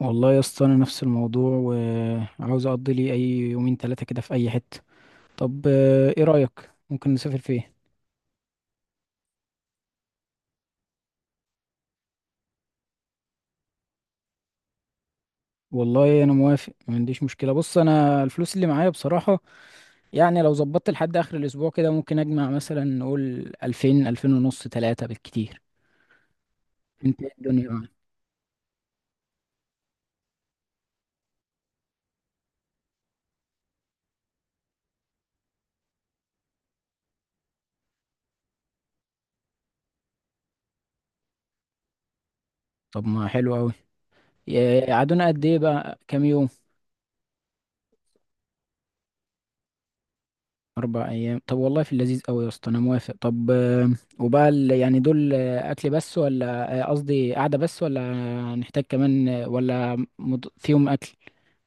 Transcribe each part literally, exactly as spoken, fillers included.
والله يا اسطى، انا نفس الموضوع وعاوز اقضي لي اي يومين ثلاثه كده في اي حته. طب آه، ايه رايك؟ ممكن نسافر فين؟ والله انا موافق، ما عنديش مشكله. بص، انا الفلوس اللي معايا بصراحه، يعني لو ظبطت لحد اخر الاسبوع كده ممكن اجمع مثلا. نقول الفين، الفين ونص، ثلاثة بالكتير. انت إيه الدنيا معاك؟ طب ما حلو قوي. قعدونا قد ايه بقى؟ كام يوم؟ أربع أيام، طب والله في اللذيذ أوي يا اسطى، أنا موافق. طب، آه، وبقى ال- يعني دول آه، أكل بس، ولا آه، قصدي قعدة بس، ولا نحتاج كمان؟ آه، ولا مض- فيهم أكل؟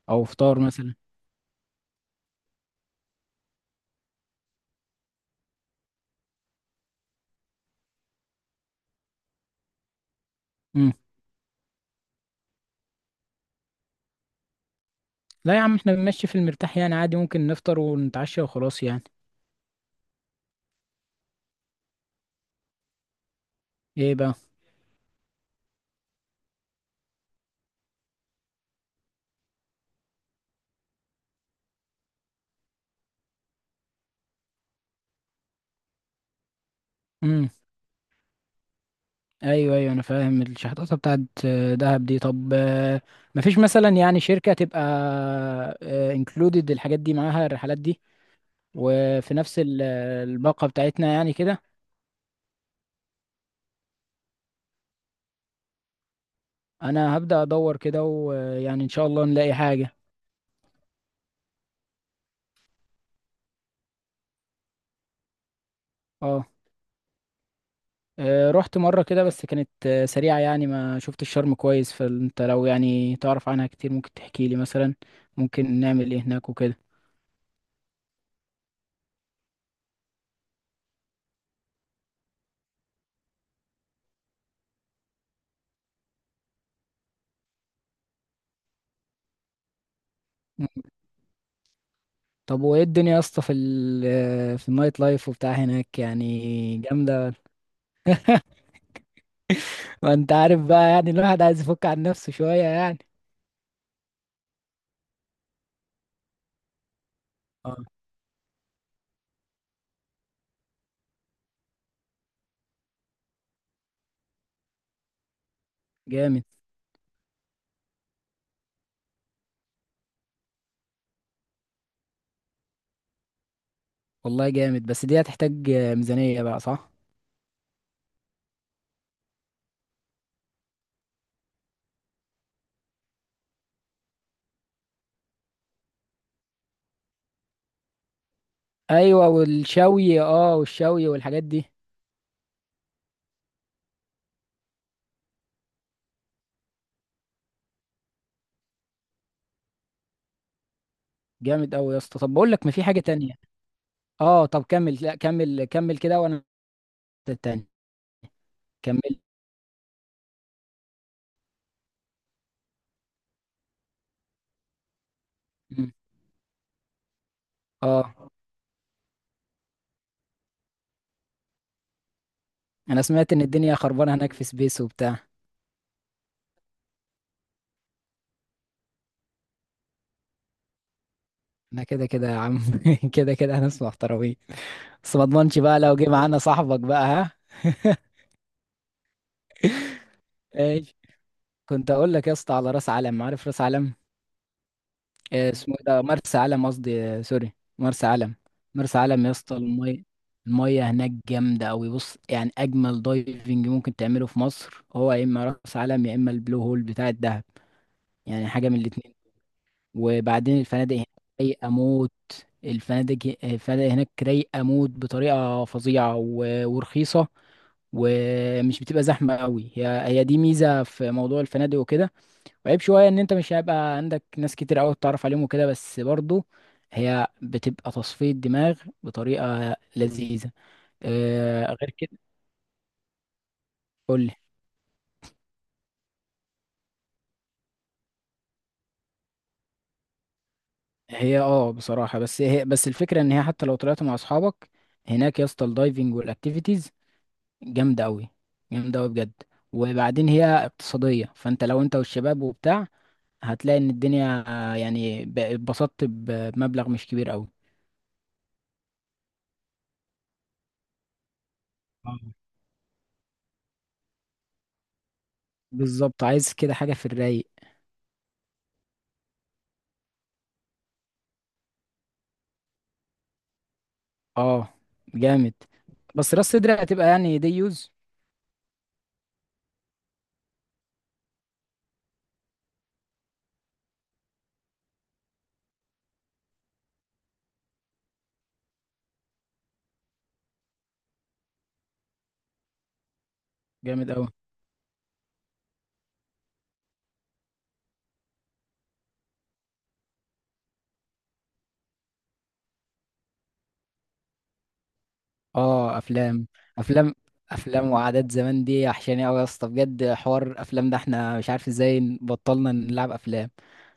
أو فطار مثلا. مم. لا يا عم، احنا بنمشي في المرتاح يعني، عادي ممكن نفطر ونتعشى وخلاص يعني. ايه بقى؟ مم. أيوه أيوه، أنا فاهم الشحطاطة بتاعت آه، دهب دي. طب آه، مفيش مثلا يعني شركة تبقى انكلودed الحاجات دي معاها الرحلات دي؟ وفي نفس ال- الباقة بتاعتنا يعني كده. انا هبدأ ادور كده، ويعني ان شاء الله نلاقي حاجة. اه. آه، رحت مرة كده، بس كانت آه، سريعة يعني، ما شفت الشرم كويس، فانت لو يعني تعرف عنها كتير ممكن تحكي لي مثلا. ممكن نعمل ايه هناك وكده؟ مم. طب وايه الدنيا يا اسطى في ال آه، في النايت لايف وبتاع هناك، يعني جامدة؟ ما انت عارف بقى، يعني الواحد عايز يفك عن نفسه شوية يعني. اه. جامد. والله جامد، بس دي هتحتاج آه، ميزانية بقى، صح؟ ايوه والشوي، اه والشوي والحاجات دي. جامد قوي يا اسطى. طب بقول لك، ما في حاجه تانية. اه، طب كمل، لا كمل كمل كده وانا التاني. كمل. مم. اه. انا سمعت ان الدنيا خربانه هناك في سبيس وبتاع. انا كده كده يا عم كده كده هناس محترمين. بس ما اضمنش بقى لو جه معانا صاحبك بقى، ها. ايش. كنت اقول لك يا اسطى على راس علم، عارف راس علم؟ آه، اسمه إيه ده، مرسى علم قصدي، آه، سوري، مرسى علم. مرسى علم يا اسطى، المية، المية هناك جامدة أوي. بص يعني، أجمل دايفنج ممكن تعمله في مصر هو يا إما مرسى علم يا إما البلو هول بتاع الدهب. يعني حاجة من الاتنين. وبعدين الفنادق هناك رايقة موت. الفنادق الفنادق هناك رايقة موت بطريقة فظيعة و- ورخيصة. ومش بتبقى زحمة أوي، هي هي دي ميزة في موضوع الفنادق وكده. وعيب شوية ان انت مش هيبقى عندك ناس كتير قوي تتعرف عليهم وكده، بس برضو هي بتبقى تصفية دماغ بطريقة لذيذة. آه، غير كده. قولي. هي، اه بصراحة، بس هي بس الفكرة ان هي حتى لو طلعت مع اصحابك، هناك يا اسطى الدايفنج والاكتيفيتيز جامدة قوي. جامدة قوي بجد. وبعدين هي اقتصادية، فانت لو انت والشباب وبتاع هتلاقي ان الدنيا آه، يعني ب- اتبسطت ب- بمبلغ مش كبير قوي. آه. بالظبط، عايز كده حاجة في الرايق. اه. جامد. بس راس صدر هتبقى يعني دي يوز. جامد قوي. اه، افلام. افلام. افلام وعادات زمان دي وحشاني قوي يا اسطى بجد. حوار افلام ده، احنا مش عارف ازاي بطلنا نلعب افلام.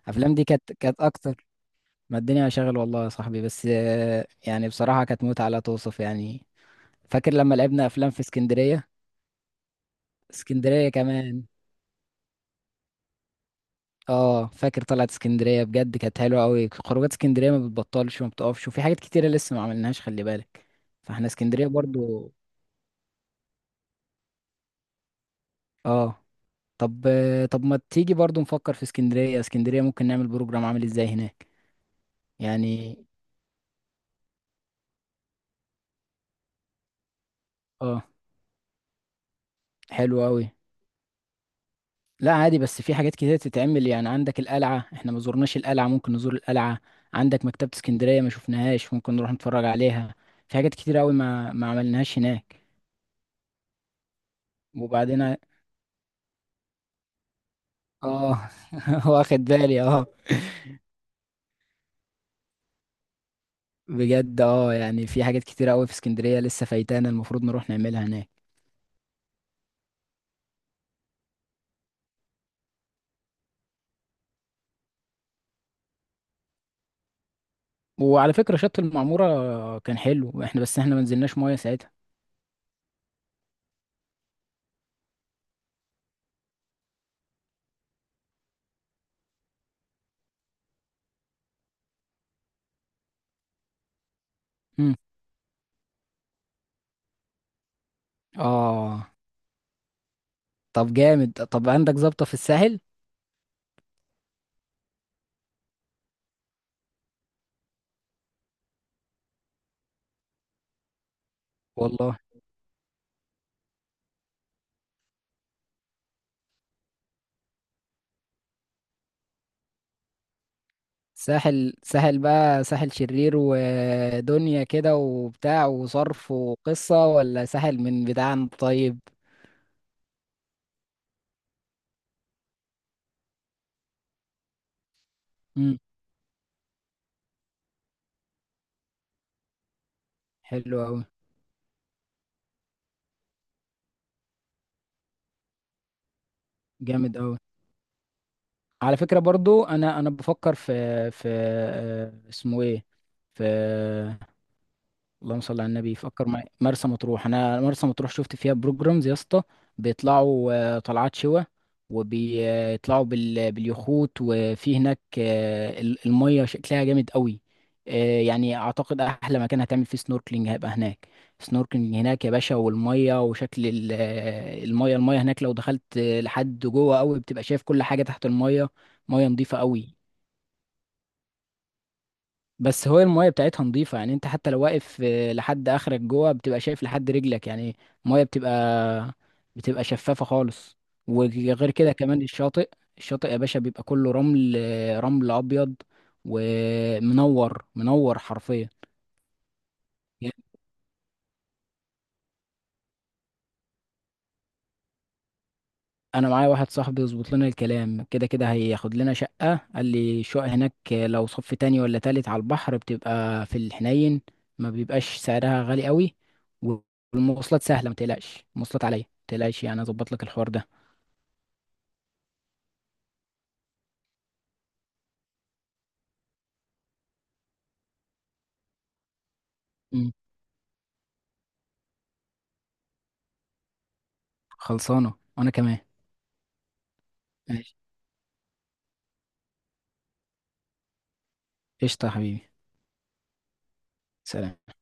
افلام دي كانت كانت اكتر. ما الدنيا شغل والله يا صاحبي، بس آه، يعني بصراحة كانت متعة لا توصف يعني. فاكر لما لعبنا افلام في اسكندرية؟ اسكندرية كمان. اه، فاكر طلعت اسكندرية بجد كانت حلوة قوي. خروجات اسكندرية ما بتبطلش وما بتقفش، وفي حاجات كتيرة لسه ما عملناش، خلي بالك. فاحنا اسكندرية برضو. اه. طب. طب ما تيجي برضو نفكر في اسكندرية. اسكندرية ممكن نعمل بروجرام عامل ازاي هناك؟ يعني. اه. حلو قوي. لا عادي، بس في حاجات كتيرة تتعمل يعني. عندك القلعة، احنا ما زورناش القلعة، ممكن نزور القلعة. عندك مكتبة اسكندرية ما شفناهاش، ممكن نروح نتفرج عليها. في حاجات كتيرة قوي ما ما عملناهاش هناك. وبعدين، اه واخد بالي اه. بجد اه، يعني في حاجات كتيرة قوي في اسكندرية لسه فايتانا، المفروض نروح نعملها هناك. وعلى فكرة شط المعمورة كان حلو، احنا بس احنا ما نزلناش مية ساعتها. مم. اه. طب جامد، طب عندك ظابطة في الساحل؟ والله، ساحل، ساحل بقى ساحل شرير ودنيا كده وبتاع وصرف وقصة، ولا ساحل من بتاعنا طيب؟ مم. حلو قوي. جامد قوي. على فكرة برضو، انا انا بفكر في، في آه، اسمه ايه، في، اللهم صل على النبي، فكر معايا مرسى مطروح. انا مرسى مطروح شفت فيها بروجرامز يا اسطى، بيطلعوا آه، طلعات شوا، وبيطلعوا بال... باليخوت، وفي هناك آه، ال- الميه شكلها جامد قوي. آه، يعني اعتقد احلى مكان هتعمل فيه سنوركلينج هيبقى هناك. سنوركلينج هناك يا باشا، والميه وشكل ال- آه، الميه الميه هناك، لو دخلت آه، لحد جوه قوي بتبقى شايف كل حاجه تحت الميه. ميه نظيفه قوي. بس هو المايه بتاعتها نظيفه يعني، انت حتى لو واقف آه، لحد اخرك جوه بتبقى شايف لحد رجلك يعني. المايه بتبقى بتبقى شفافه خالص. وغير كده كمان الشاطئ، الشاطئ يا باشا بيبقى كله رمل، آه، رمل ابيض. ومنور منور حرفيا. انا معايا واحد صاحبي يظبط لنا الكلام، كده كده هياخد لنا شقة. قال لي الشقق هناك لو صف تاني ولا تالت على البحر بتبقى في الحنين، ما بيبقاش سعرها غالي قوي. والمواصلات سهلة، ما تقلقش المواصلات عليا ما تقلقش يعني، اظبط لك الحوار ده. مم. خلصانة، وانا كمان. ماشي. قشطة يا حبيبي. سلام.